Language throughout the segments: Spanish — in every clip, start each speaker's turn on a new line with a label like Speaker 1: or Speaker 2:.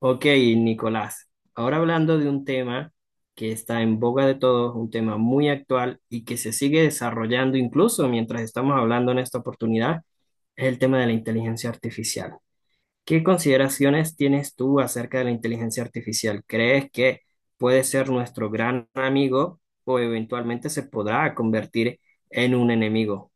Speaker 1: Ok, Nicolás, ahora hablando de un tema que está en boga de todos, un tema muy actual y que se sigue desarrollando incluso mientras estamos hablando en esta oportunidad, es el tema de la inteligencia artificial. ¿Qué consideraciones tienes tú acerca de la inteligencia artificial? ¿Crees que puede ser nuestro gran amigo o eventualmente se podrá convertir en un enemigo?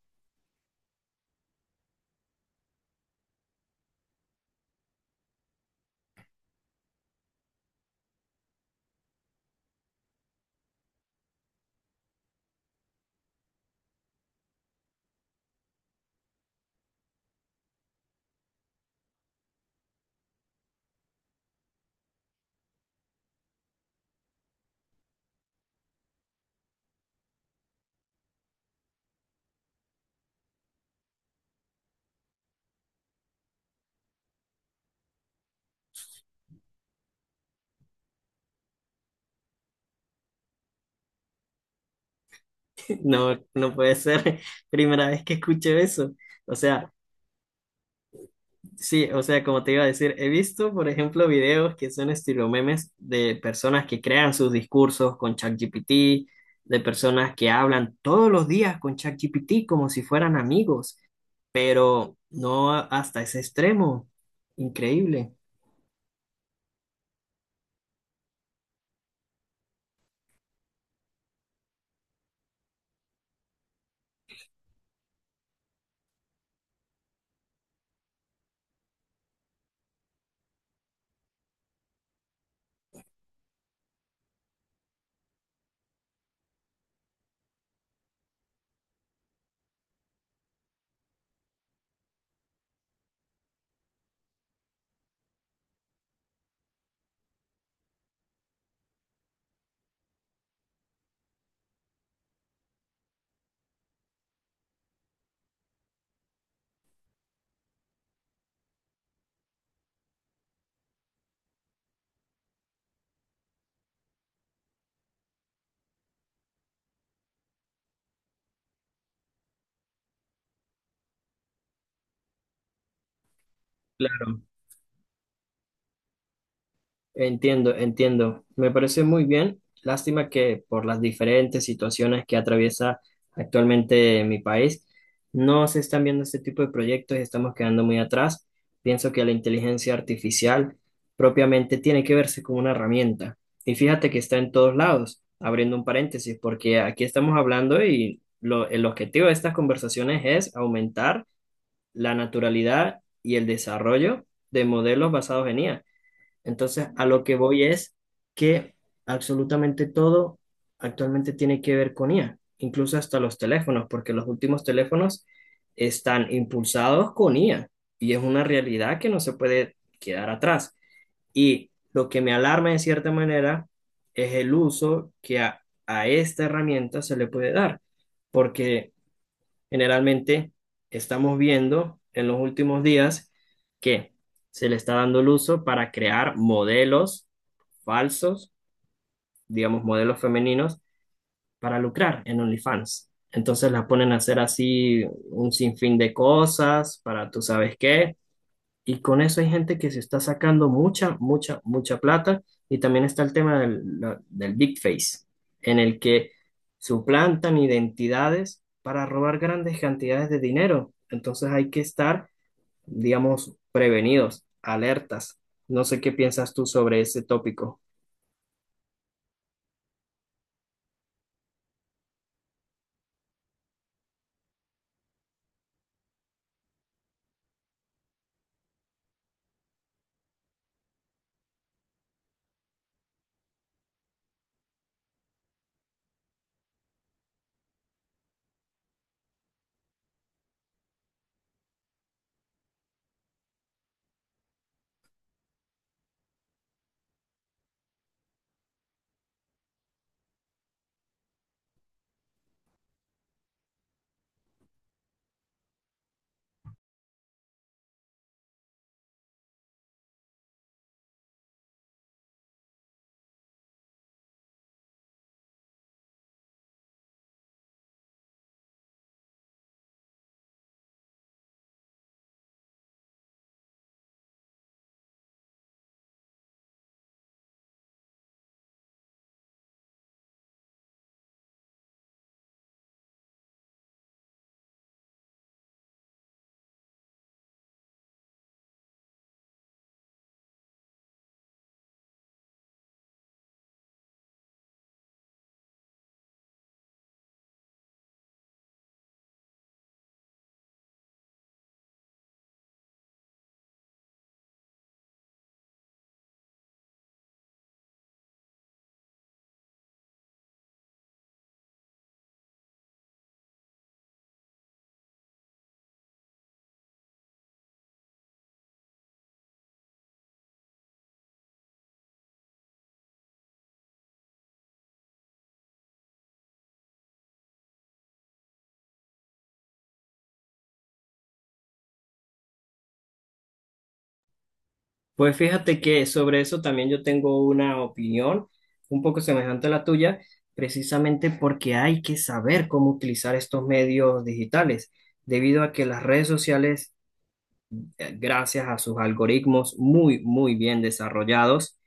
Speaker 1: No, no puede ser, primera vez que escucho eso. O sea, sí, o sea, como te iba a decir, he visto, por ejemplo, videos que son estilo memes de personas que crean sus discursos con ChatGPT, de personas que hablan todos los días con ChatGPT como si fueran amigos, pero no hasta ese extremo. Increíble. Claro. Entiendo, entiendo. Me parece muy bien. Lástima que por las diferentes situaciones que atraviesa actualmente mi país, no se están viendo este tipo de proyectos y estamos quedando muy atrás. Pienso que la inteligencia artificial propiamente tiene que verse como una herramienta. Y fíjate que está en todos lados, abriendo un paréntesis, porque aquí estamos hablando y el objetivo de estas conversaciones es aumentar la naturalidad y el desarrollo de modelos basados en IA. Entonces, a lo que voy es que absolutamente todo actualmente tiene que ver con IA, incluso hasta los teléfonos, porque los últimos teléfonos están impulsados con IA y es una realidad que no se puede quedar atrás. Y lo que me alarma en cierta manera es el uso que a esta herramienta se le puede dar, porque generalmente estamos viendo en los últimos días que se le está dando el uso para crear modelos falsos, digamos modelos femeninos, para lucrar en OnlyFans. Entonces las ponen a hacer así un sinfín de cosas para tú sabes qué y con eso hay gente que se está sacando mucha, mucha, mucha plata. Y también está el tema del Big Face, en el que suplantan identidades para robar grandes cantidades de dinero. Entonces hay que estar, digamos, prevenidos, alertas. No sé qué piensas tú sobre ese tópico. Pues fíjate que sobre eso también yo tengo una opinión un poco semejante a la tuya, precisamente porque hay que saber cómo utilizar estos medios digitales, debido a que las redes sociales, gracias a sus algoritmos muy, muy bien desarrollados,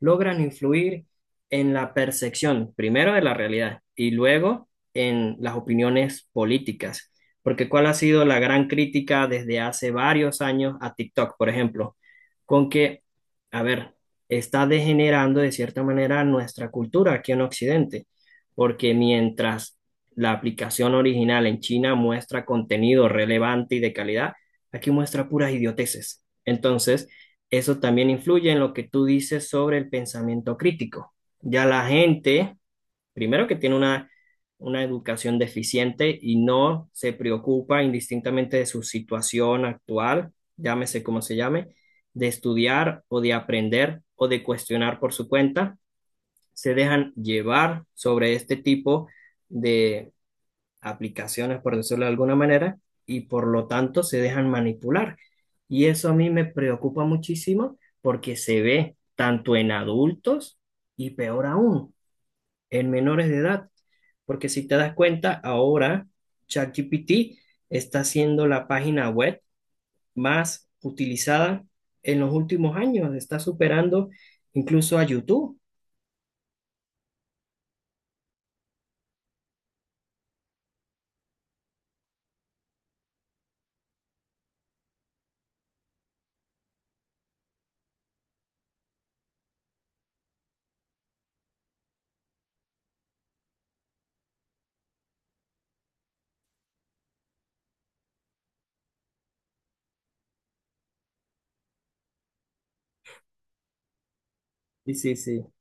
Speaker 1: logran influir en la percepción, primero de la realidad y luego en las opiniones políticas. Porque ¿cuál ha sido la gran crítica desde hace varios años a TikTok, por ejemplo? Con que, a ver, está degenerando de cierta manera nuestra cultura aquí en Occidente, porque mientras la aplicación original en China muestra contenido relevante y de calidad, aquí muestra puras idioteces. Entonces, eso también influye en lo que tú dices sobre el pensamiento crítico. Ya la gente, primero que tiene una educación deficiente y no se preocupa indistintamente de su situación actual, llámese como se llame, de estudiar o de aprender o de cuestionar por su cuenta, se dejan llevar sobre este tipo aplicaciones, por decirlo de alguna manera, y por lo tanto se dejan manipular. Y eso a mí me preocupa muchísimo porque se ve tanto en adultos y peor aún, en menores de edad. Porque si te das cuenta, ahora ChatGPT está siendo la página web más utilizada en los últimos años, está superando incluso a YouTube. Sí, sí, sí.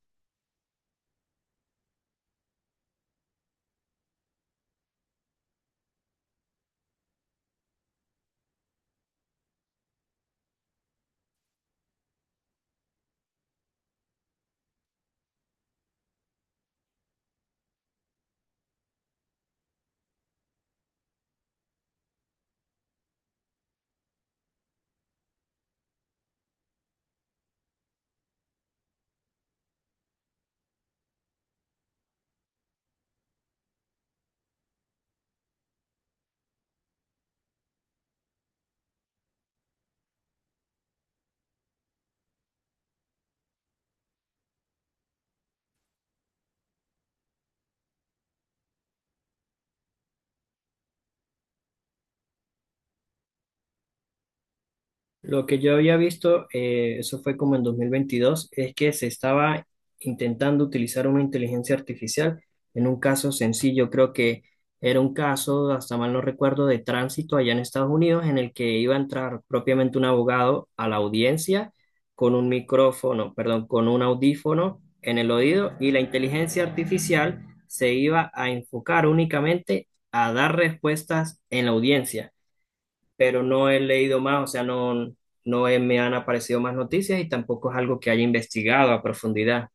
Speaker 1: Lo que yo había visto, eso fue como en 2022, es que se estaba intentando utilizar una inteligencia artificial en un caso sencillo. Creo que era un caso, hasta mal no recuerdo, de tránsito allá en Estados Unidos en el que iba a entrar propiamente un abogado a la audiencia con un micrófono, perdón, con un audífono en el oído y la inteligencia artificial se iba a enfocar únicamente a dar respuestas en la audiencia, pero no he leído más, o sea, no, me han aparecido más noticias y tampoco es algo que haya investigado a profundidad.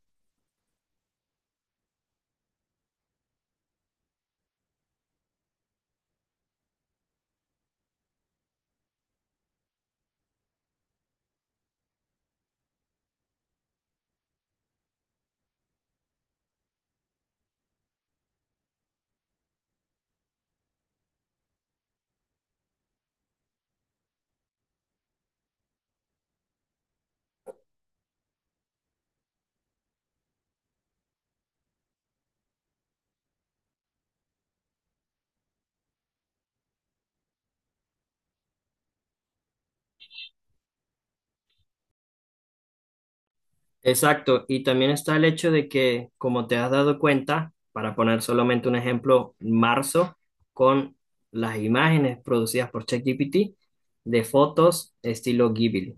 Speaker 1: Exacto, y también está el hecho de que, como te has dado cuenta, para poner solamente un ejemplo, marzo, con las imágenes producidas por ChatGPT de fotos estilo Ghibli.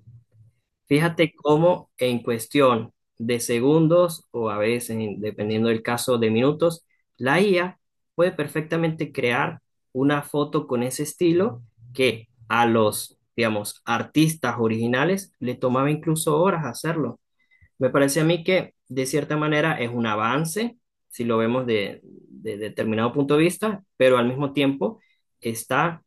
Speaker 1: Fíjate cómo en cuestión de segundos o a veces, dependiendo del caso, de minutos, la IA puede perfectamente crear una foto con ese estilo que a los, digamos, artistas originales le tomaba incluso horas hacerlo. Me parece a mí que de cierta manera es un avance, si lo vemos de determinado punto de vista, pero al mismo tiempo está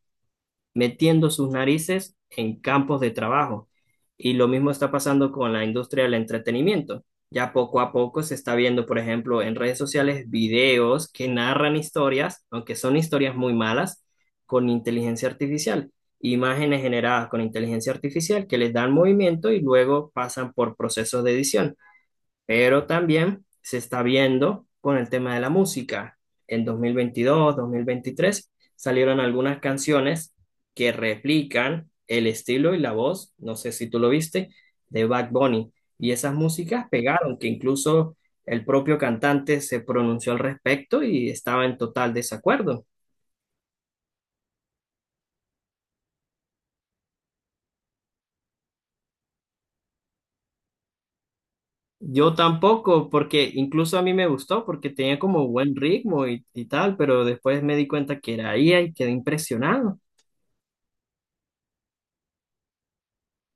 Speaker 1: metiendo sus narices en campos de trabajo. Y lo mismo está pasando con la industria del entretenimiento. Ya poco a poco se está viendo, por ejemplo, en redes sociales videos que narran historias, aunque son historias muy malas, con inteligencia artificial. Imágenes generadas con inteligencia artificial que les dan movimiento y luego pasan por procesos de edición, pero también se está viendo con el tema de la música. En 2022, 2023 salieron algunas canciones que replican el estilo y la voz, no sé si tú lo viste, de Bad Bunny. Y esas músicas pegaron, que incluso el propio cantante se pronunció al respecto y estaba en total desacuerdo. Yo tampoco, porque incluso a mí me gustó, porque tenía como buen ritmo y tal, pero después me di cuenta que era IA y quedé impresionado.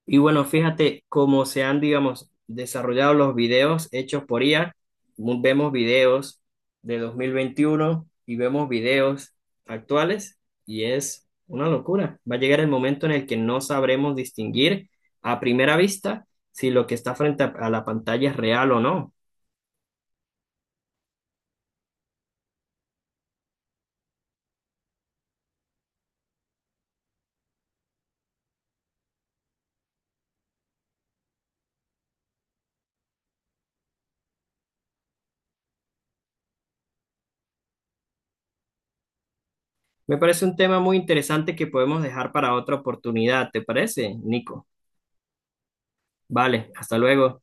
Speaker 1: Y bueno, fíjate cómo se han, digamos, desarrollado los videos hechos por IA. Vemos videos de 2021 y vemos videos actuales y es una locura. Va a llegar el momento en el que no sabremos distinguir a primera vista si lo que está frente a la pantalla es real o no. Me parece un tema muy interesante que podemos dejar para otra oportunidad, ¿te parece, Nico? Vale, hasta luego.